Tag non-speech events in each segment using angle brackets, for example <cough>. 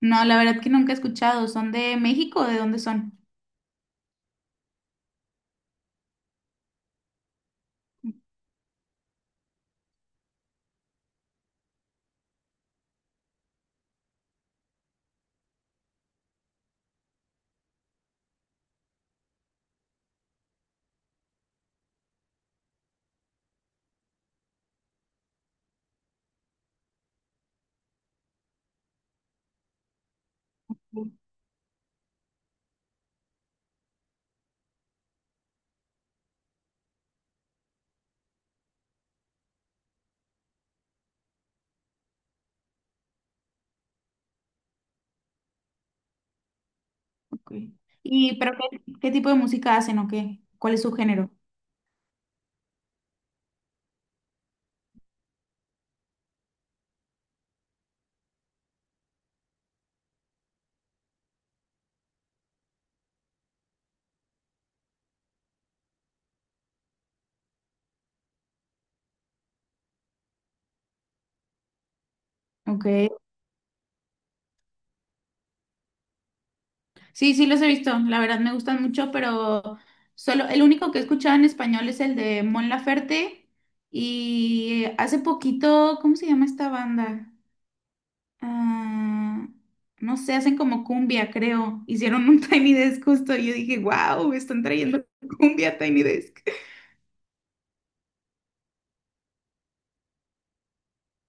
No, la verdad que nunca he escuchado. ¿Son de México? O ¿de dónde son? Mm, ok. ¿Y pero qué tipo de música hacen o qué? ¿Cuál es su género? Ok. Sí, sí los he visto. La verdad me gustan mucho, pero solo el único que he escuchado en español es el de Mon Laferte y hace poquito, ¿cómo se llama esta banda? Ah, no sé, hacen como cumbia, creo. Hicieron un <laughs> Tiny Desk justo y yo dije, wow, están trayendo cumbia a Tiny Desk.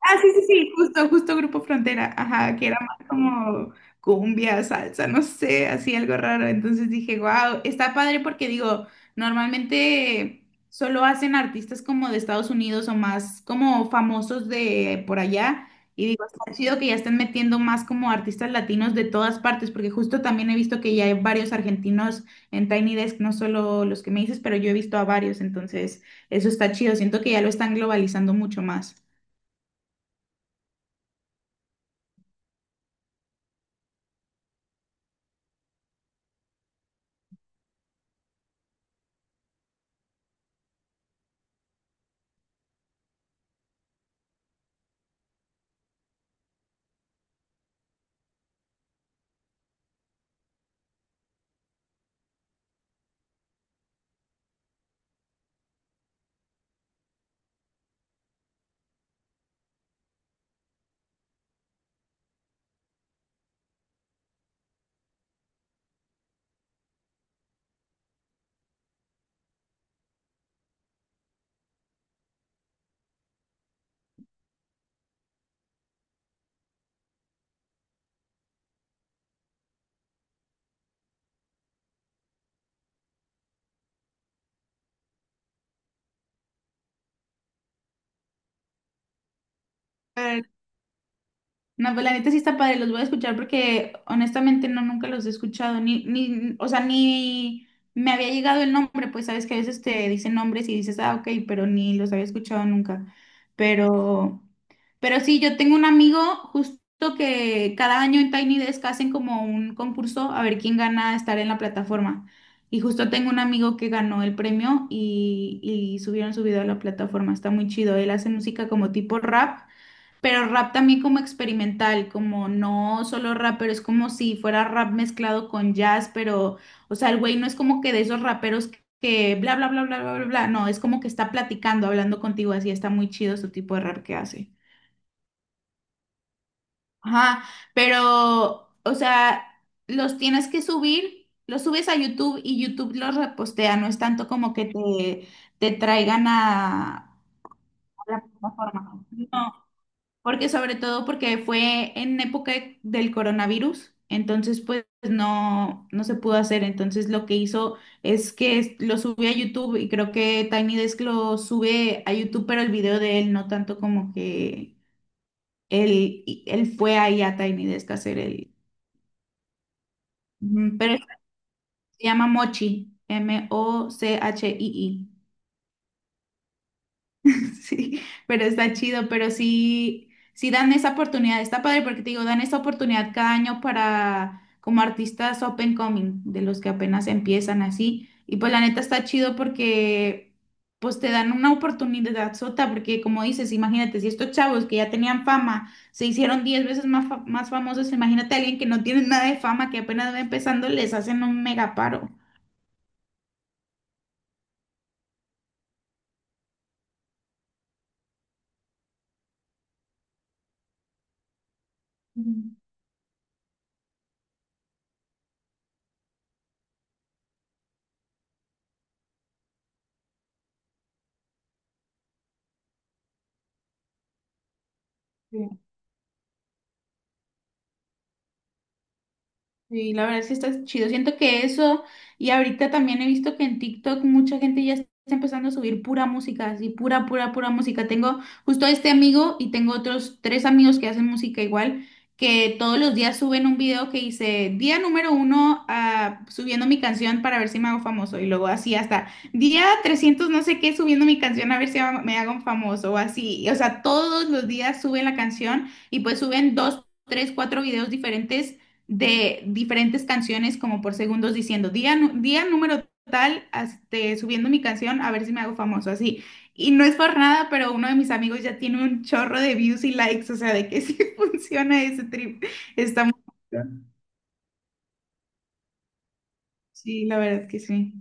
Ah, sí, sí, sí, justo Grupo Frontera, ajá, que era más como cumbia, salsa, no sé, así algo raro. Entonces dije, wow, está padre porque digo, normalmente solo hacen artistas como de Estados Unidos o más como famosos de por allá. Y digo, está chido que ya estén metiendo más como artistas latinos de todas partes, porque justo también he visto que ya hay varios argentinos en Tiny Desk, no solo los que me dices, pero yo he visto a varios, entonces eso está chido, siento que ya lo están globalizando mucho más. No, pues la neta sí está padre, los voy a escuchar porque honestamente no, nunca los he escuchado, ni, o sea, ni me había llegado el nombre, pues sabes que a veces te dicen nombres y dices, ah, ok, pero ni los había escuchado nunca. Pero, pero sí, yo tengo un amigo justo que cada año en Tiny Desk hacen como un concurso a ver quién gana estar en la plataforma. Y justo tengo un amigo que ganó el premio y subieron su video a la plataforma, está muy chido, él hace música como tipo rap. Pero rap también como experimental, como no solo rap, pero es como si fuera rap mezclado con jazz, pero, o sea, el güey no es como que de esos raperos que bla, bla, bla, bla, bla, bla, bla, no, es como que está platicando, hablando contigo, así está muy chido su tipo de rap que hace. Ajá, pero, o sea, los tienes que subir, los subes a YouTube y YouTube los repostea, no es tanto como que te traigan a la plataforma. No. Porque sobre todo porque fue en época del coronavirus, entonces pues no, no se pudo hacer. Entonces lo que hizo es que lo subió a YouTube y creo que Tiny Desk lo sube a YouTube, pero el video de él no tanto como que él fue ahí a Tiny Desk a hacer el. Ujú, pero se llama Mochi, Mochii. <laughs> Sí, pero está chido, pero sí, sí dan esa oportunidad, está padre porque te digo, dan esa oportunidad cada año para como artistas open coming, de los que apenas empiezan así, y pues la neta está chido porque pues te dan una oportunidad sota, porque como dices, imagínate, si estos chavos que ya tenían fama se hicieron 10 veces más, más famosos, imagínate a alguien que no tiene nada de fama, que apenas va empezando, les hacen un mega paro. Mm, sí. Sí, la verdad es que está chido. Siento que eso, y ahorita también he visto que en TikTok mucha gente ya está empezando a subir pura música, así pura, pura, pura música. Tengo justo a este amigo y tengo otros tres amigos que hacen música igual, que todos los días suben un video que dice día número 1 subiendo mi canción para ver si me hago famoso. Y luego así hasta día 300 no sé qué subiendo mi canción a ver si me hago un famoso o así. O sea, todos los días suben la canción y pues suben dos, tres, cuatro videos diferentes de diferentes canciones como por segundos diciendo día, día número tal, este, subiendo mi canción a ver si me hago famoso, así. Y no es por nada, pero uno de mis amigos ya tiene un chorro de views y likes, o sea, de que sí <laughs> funciona ese trip. Está muy, sí, la verdad que sí.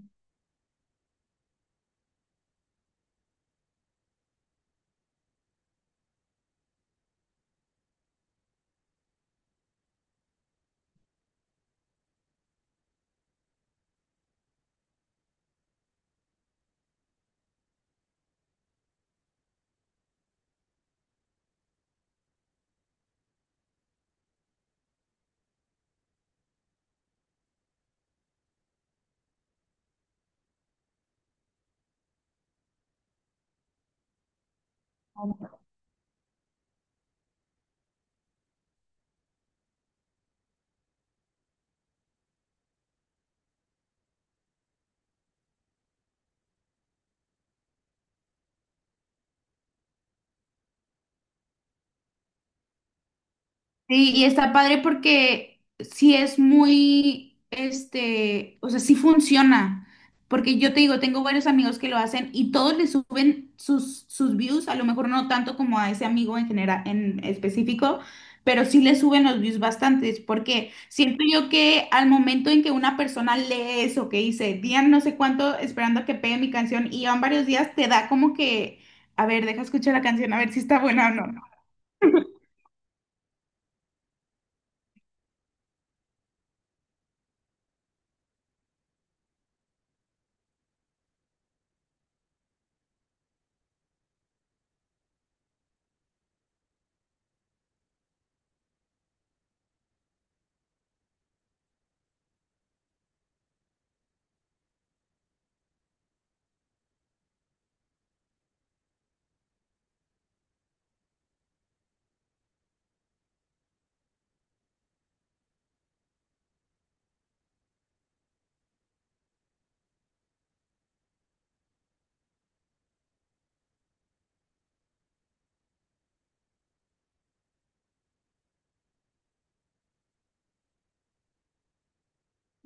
Sí, y está padre porque sí es muy, este, o sea, sí funciona. Porque yo te digo, tengo varios amigos que lo hacen y todos le suben sus, sus views, a lo mejor no tanto como a ese amigo en general, en específico, pero sí le suben los views bastantes, porque siento yo que al momento en que una persona lee eso que dice, día no sé cuánto esperando a que pegue mi canción y van varios días, te da como que, a ver, deja escuchar la canción, a ver si está buena o no.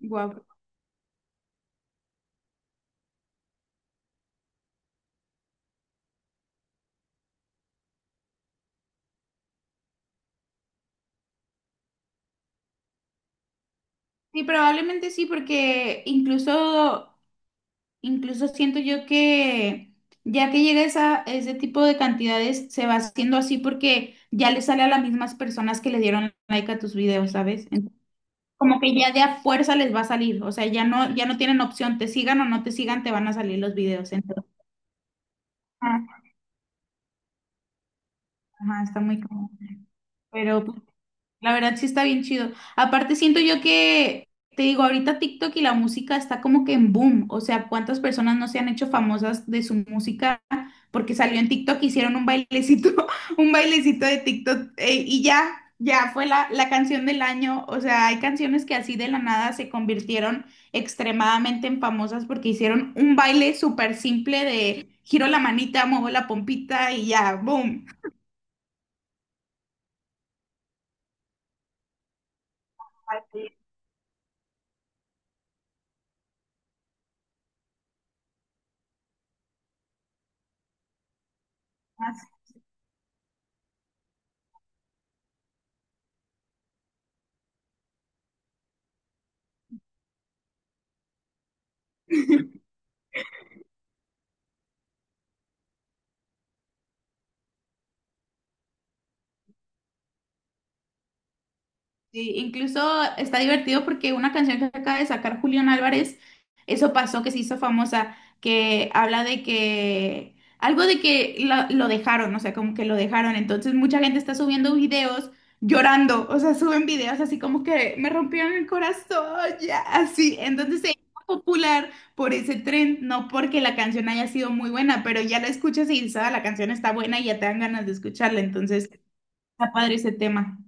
Guau. Sí, probablemente sí, porque incluso siento yo que ya que llega esa, ese tipo de cantidades, se va haciendo así porque ya le sale a las mismas personas que le dieron like a tus videos, ¿sabes? Entonces, como que ya de a fuerza les va a salir, o sea, ya no tienen opción, te sigan o no te sigan, te van a salir los videos. Entonces, ah, ajá, está muy cómodo. Pero pues, la verdad sí está bien chido. Aparte siento yo que, te digo, ahorita TikTok y la música está como que en boom. O sea, ¿cuántas personas no se han hecho famosas de su música? Porque salió en TikTok, hicieron un bailecito, <laughs> un bailecito de TikTok y ya, ya fue la canción del año. O sea, hay canciones que así de la nada se convirtieron extremadamente en famosas porque hicieron un baile súper simple de giro la manita, muevo la pompita y ya, boom. Así. <laughs> Sí, incluso está divertido porque una canción que acaba de sacar Julián Álvarez, eso pasó que se hizo famosa, que habla de que algo de que lo, dejaron, o sea, como que lo dejaron. Entonces mucha gente está subiendo videos llorando, o sea, suben videos así como que me rompieron el corazón, ya, así. Entonces se hizo popular por ese tren, no porque la canción haya sido muy buena, pero ya la escuchas y dices: "Ah, la canción está buena y ya te dan ganas de escucharla". Entonces está padre ese tema.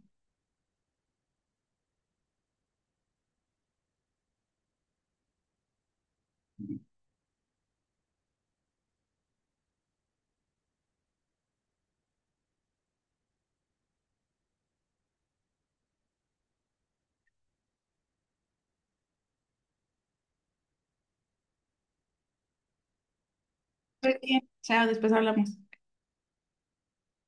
Muy bien. Chao, después hablamos.